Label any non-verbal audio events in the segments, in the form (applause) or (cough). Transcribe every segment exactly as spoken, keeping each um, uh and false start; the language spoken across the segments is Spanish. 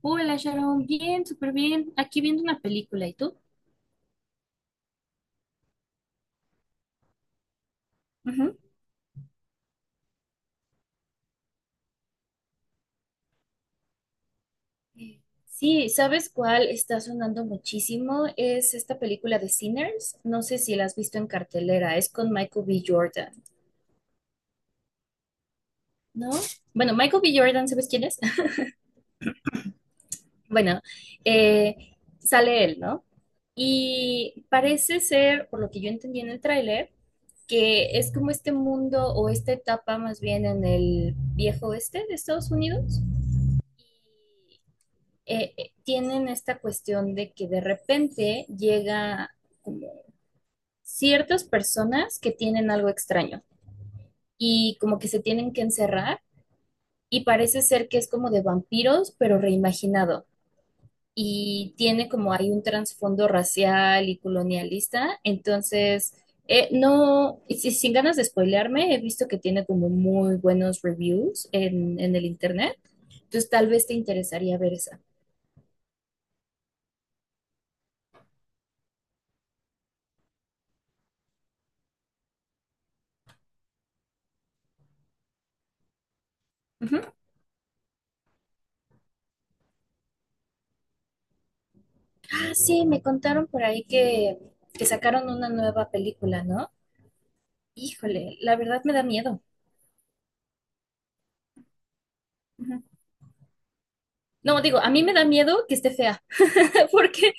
Hola Sharon, bien, súper bien. Aquí viendo una película, ¿y tú? Ujú. Sí, ¿sabes cuál está sonando muchísimo? Es esta película de Sinners. No sé si la has visto en cartelera. Es con Michael B. Jordan, ¿no? Bueno, Michael B. Jordan, ¿sabes quién es? (laughs) Bueno, eh, sale él, ¿no? Y parece ser, por lo que yo entendí en el tráiler, que es como este mundo o esta etapa más bien en el viejo oeste de Estados Unidos. Eh, eh, tienen esta cuestión de que de repente llega como ciertas personas que tienen algo extraño y como que se tienen que encerrar, y parece ser que es como de vampiros, pero reimaginado. Y tiene, como hay un trasfondo racial y colonialista, entonces… Eh, no, y si- sin ganas de spoilearme, he visto que tiene como muy buenos reviews en, en el internet, entonces tal vez te interesaría ver esa. Sí, me contaron por ahí que, que sacaron una nueva película, ¿no? Híjole, la verdad me da miedo. Ujú. No, digo, a mí me da miedo que esté fea, (laughs) porque…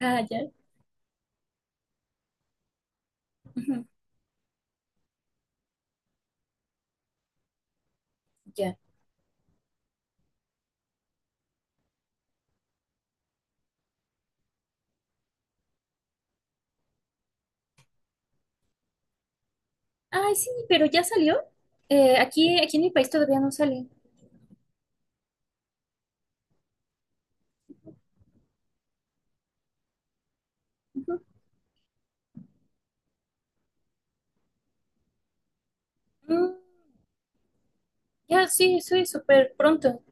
Ah, ya. Ujú, ya. Ay, sí, pero ya salió. Eh, aquí, aquí en mi país todavía no sale. Ujú. Mm, ya, sí, sí, súper pronto.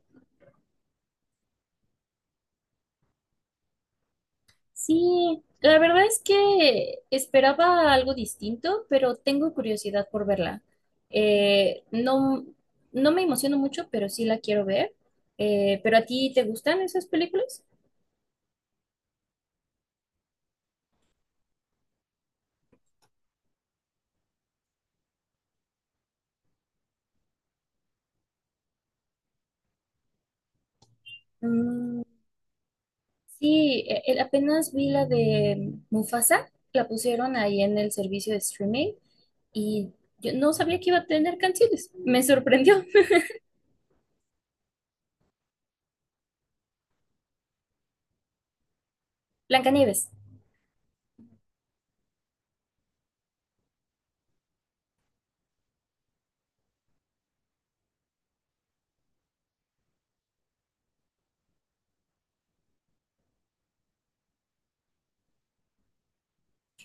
Sí, la verdad es que esperaba algo distinto, pero tengo curiosidad por verla. Eh, no, no me emociono mucho, pero sí la quiero ver. Eh, ¿pero a ti te gustan esas películas? Mm, sí, eh, eh, apenas vi la de Mufasa, la pusieron ahí en el servicio de streaming y yo no sabía que iba a tener canciones. Me sorprendió. (laughs) Blancanieves.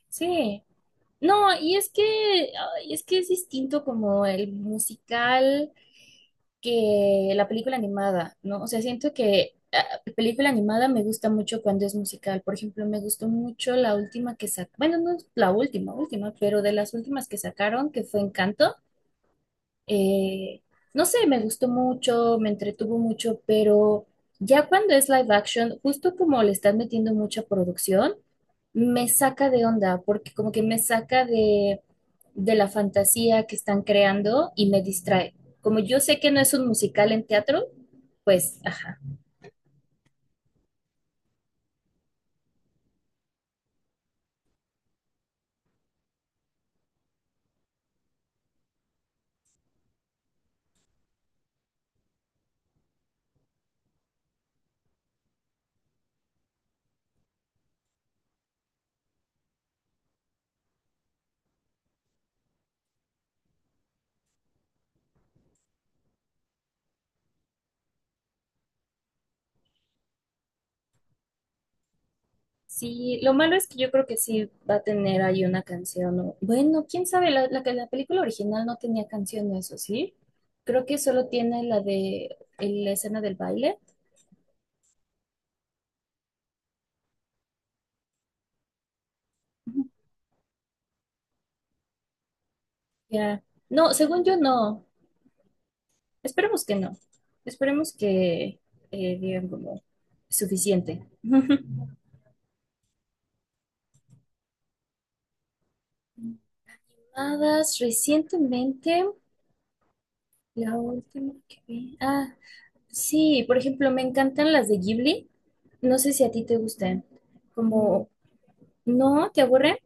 Sí. No, y es que, ay, es que es distinto como el musical, que la película animada, ¿no? O sea, siento que ah, película animada me gusta mucho cuando es musical. Por ejemplo, me gustó mucho la última que sacaron, bueno, no es la última, última, pero de las últimas que sacaron, que fue Encanto. Eh, no sé, me gustó mucho, me entretuvo mucho, pero ya cuando es live action, justo como le están metiendo mucha producción, me saca de onda, porque como que me saca de, de la fantasía que están creando y me distrae. Como yo sé que no es un musical en teatro, pues, ajá. Sí, lo malo es que yo creo que sí va a tener ahí una canción. o- Bueno, quién sabe, la, la, que- la película original no tenía canción, eso sí. Creo que solo tiene la de el- la escena del baile. Ujú. Ya. No, según yo no. Esperemos que no. Esperemos que eh, digan como suficiente. (laughs) Animadas recientemente, la última que vi. Ah, sí, por ejemplo, me encantan las de Ghibli. No sé si a ti te gustan. Como, ¿no te aburren?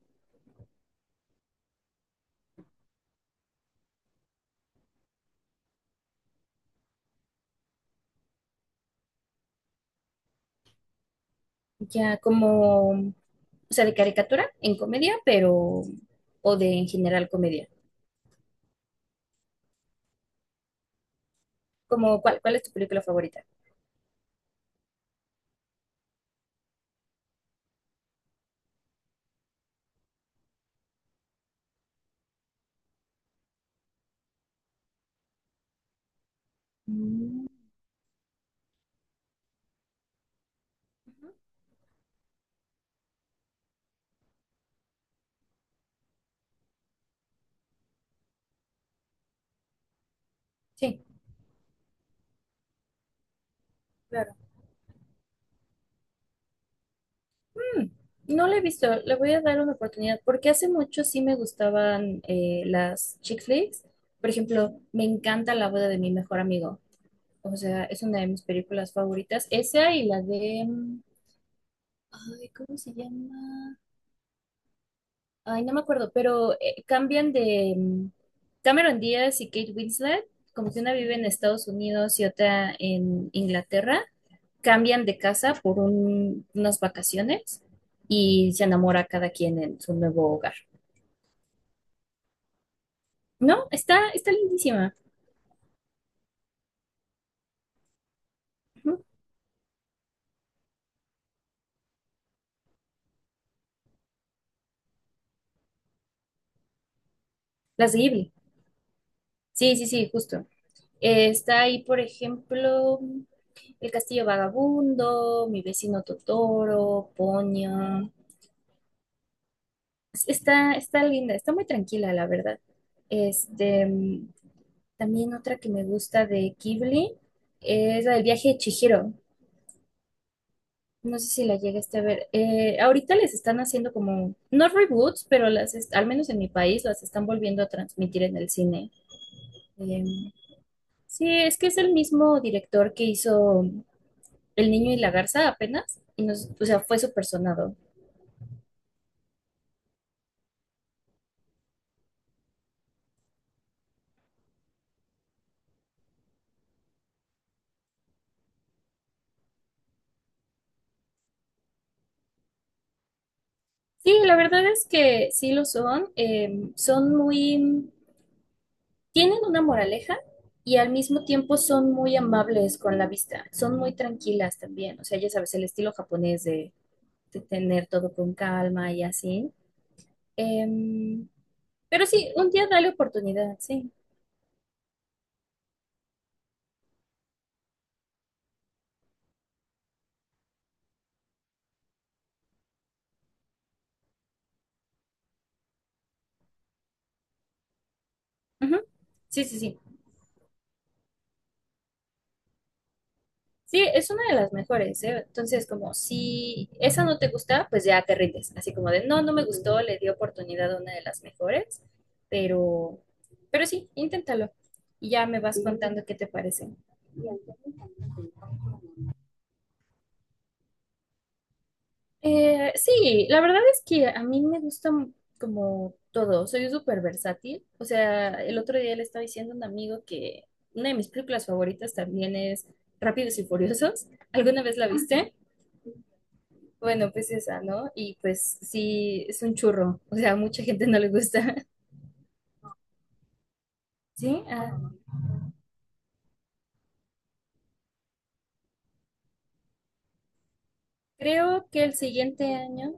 Ya como, o sea, de caricatura en comedia, pero, o de en general comedia. Como, ¿cuál, cuál es tu película favorita? Mm, ujú. Sí, claro. Mm, no la he visto, le voy a dar una oportunidad, porque hace mucho sí me gustaban, eh, las chick flicks. Por ejemplo, me encanta La boda de mi mejor amigo. O sea, es una de mis películas favoritas. Esa y la de… mm, ay, ¿cómo se llama? Ay, no me acuerdo, pero eh, cambian de… mm, Cameron Díaz y Kate Winslet, como que una vive en Estados Unidos y otra en Inglaterra, cambian de casa por un- unas vacaciones y se enamora cada quien en su nuevo hogar. No, está, está lindísima. Ujú. Las de Ghibli. Sí, sí, sí, justo. Eh, está ahí, por ejemplo, El Castillo Vagabundo, Mi vecino Totoro, Ponyo. Es- Está, está linda, está muy tranquila, la verdad. Este, mm, también otra que me gusta de Ghibli es la del viaje de Chihiro. No sé si la llegaste a ver. Eh, ahorita les están haciendo como, no reboots, pero las, est- al menos en mi país, las están volviendo a transmitir en el cine. Em, Sí, es que es el mismo director que hizo El niño y la garza apenas, y nos, o sea, fue súper sonado. Sí, la verdad es que sí lo son. eh, son muy, tienen una moraleja y al mismo tiempo son muy amables con la vista. Son muy tranquilas también. O sea, ya sabes, el estilo japonés de, de tener todo con calma y así. Em, pero sí, un día dale oportunidad, sí. Ujú. Sí, sí, sí. Sí, es una de las mejores, ¿eh? Entonces, como si esa no te gusta, pues ya te rindes. Así como de, no, no me gustó, le di oportunidad a una de las mejores, pero, pero sí, inténtalo. Y ya me vas contando qué te parece. Eh, sí, la verdad es que a mí me gusta m- como todo, soy súper versátil. O sea, el otro día le estaba diciendo a un amigo que una de mis películas favoritas también es Rápidos y Furiosos. ¿Alguna vez la viste? Bueno, pues esa, ¿no? Y pues sí, es un churro, o sea, a mucha gente no le gusta. (laughs) Sí, ah, creo que el siguiente año,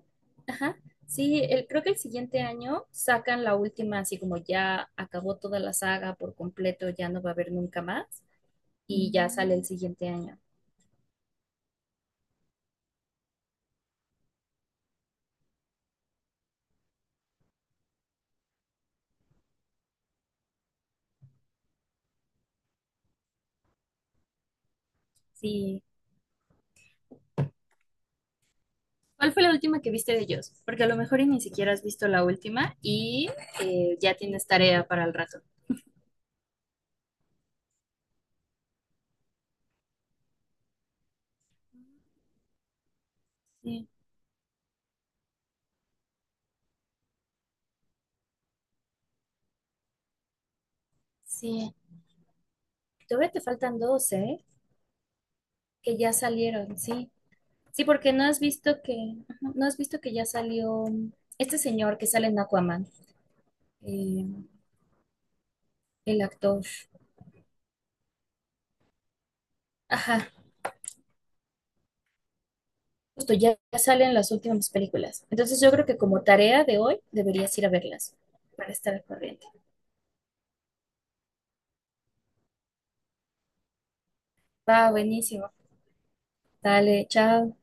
ajá, sí, el, creo que el siguiente año sacan la última, así como ya acabó toda la saga por completo, ya no va a haber nunca más, y ya sale el siguiente año. Sí. ¿Cuál fue la última que viste de ellos? Porque a lo mejor y ni siquiera has visto la última y eh, ya tienes tarea para el rato. Sí, sí. Todavía te faltan dos, ¿eh? Que ya salieron, sí. Sí, porque no has visto que, ajá, no has visto que ya salió este señor que sale en Aquaman, eh, el actor. Ajá, justo ya, ya salen las últimas películas. Entonces yo creo que como tarea de hoy deberías ir a verlas para estar al corriente. Va, buenísimo. Dale, chao.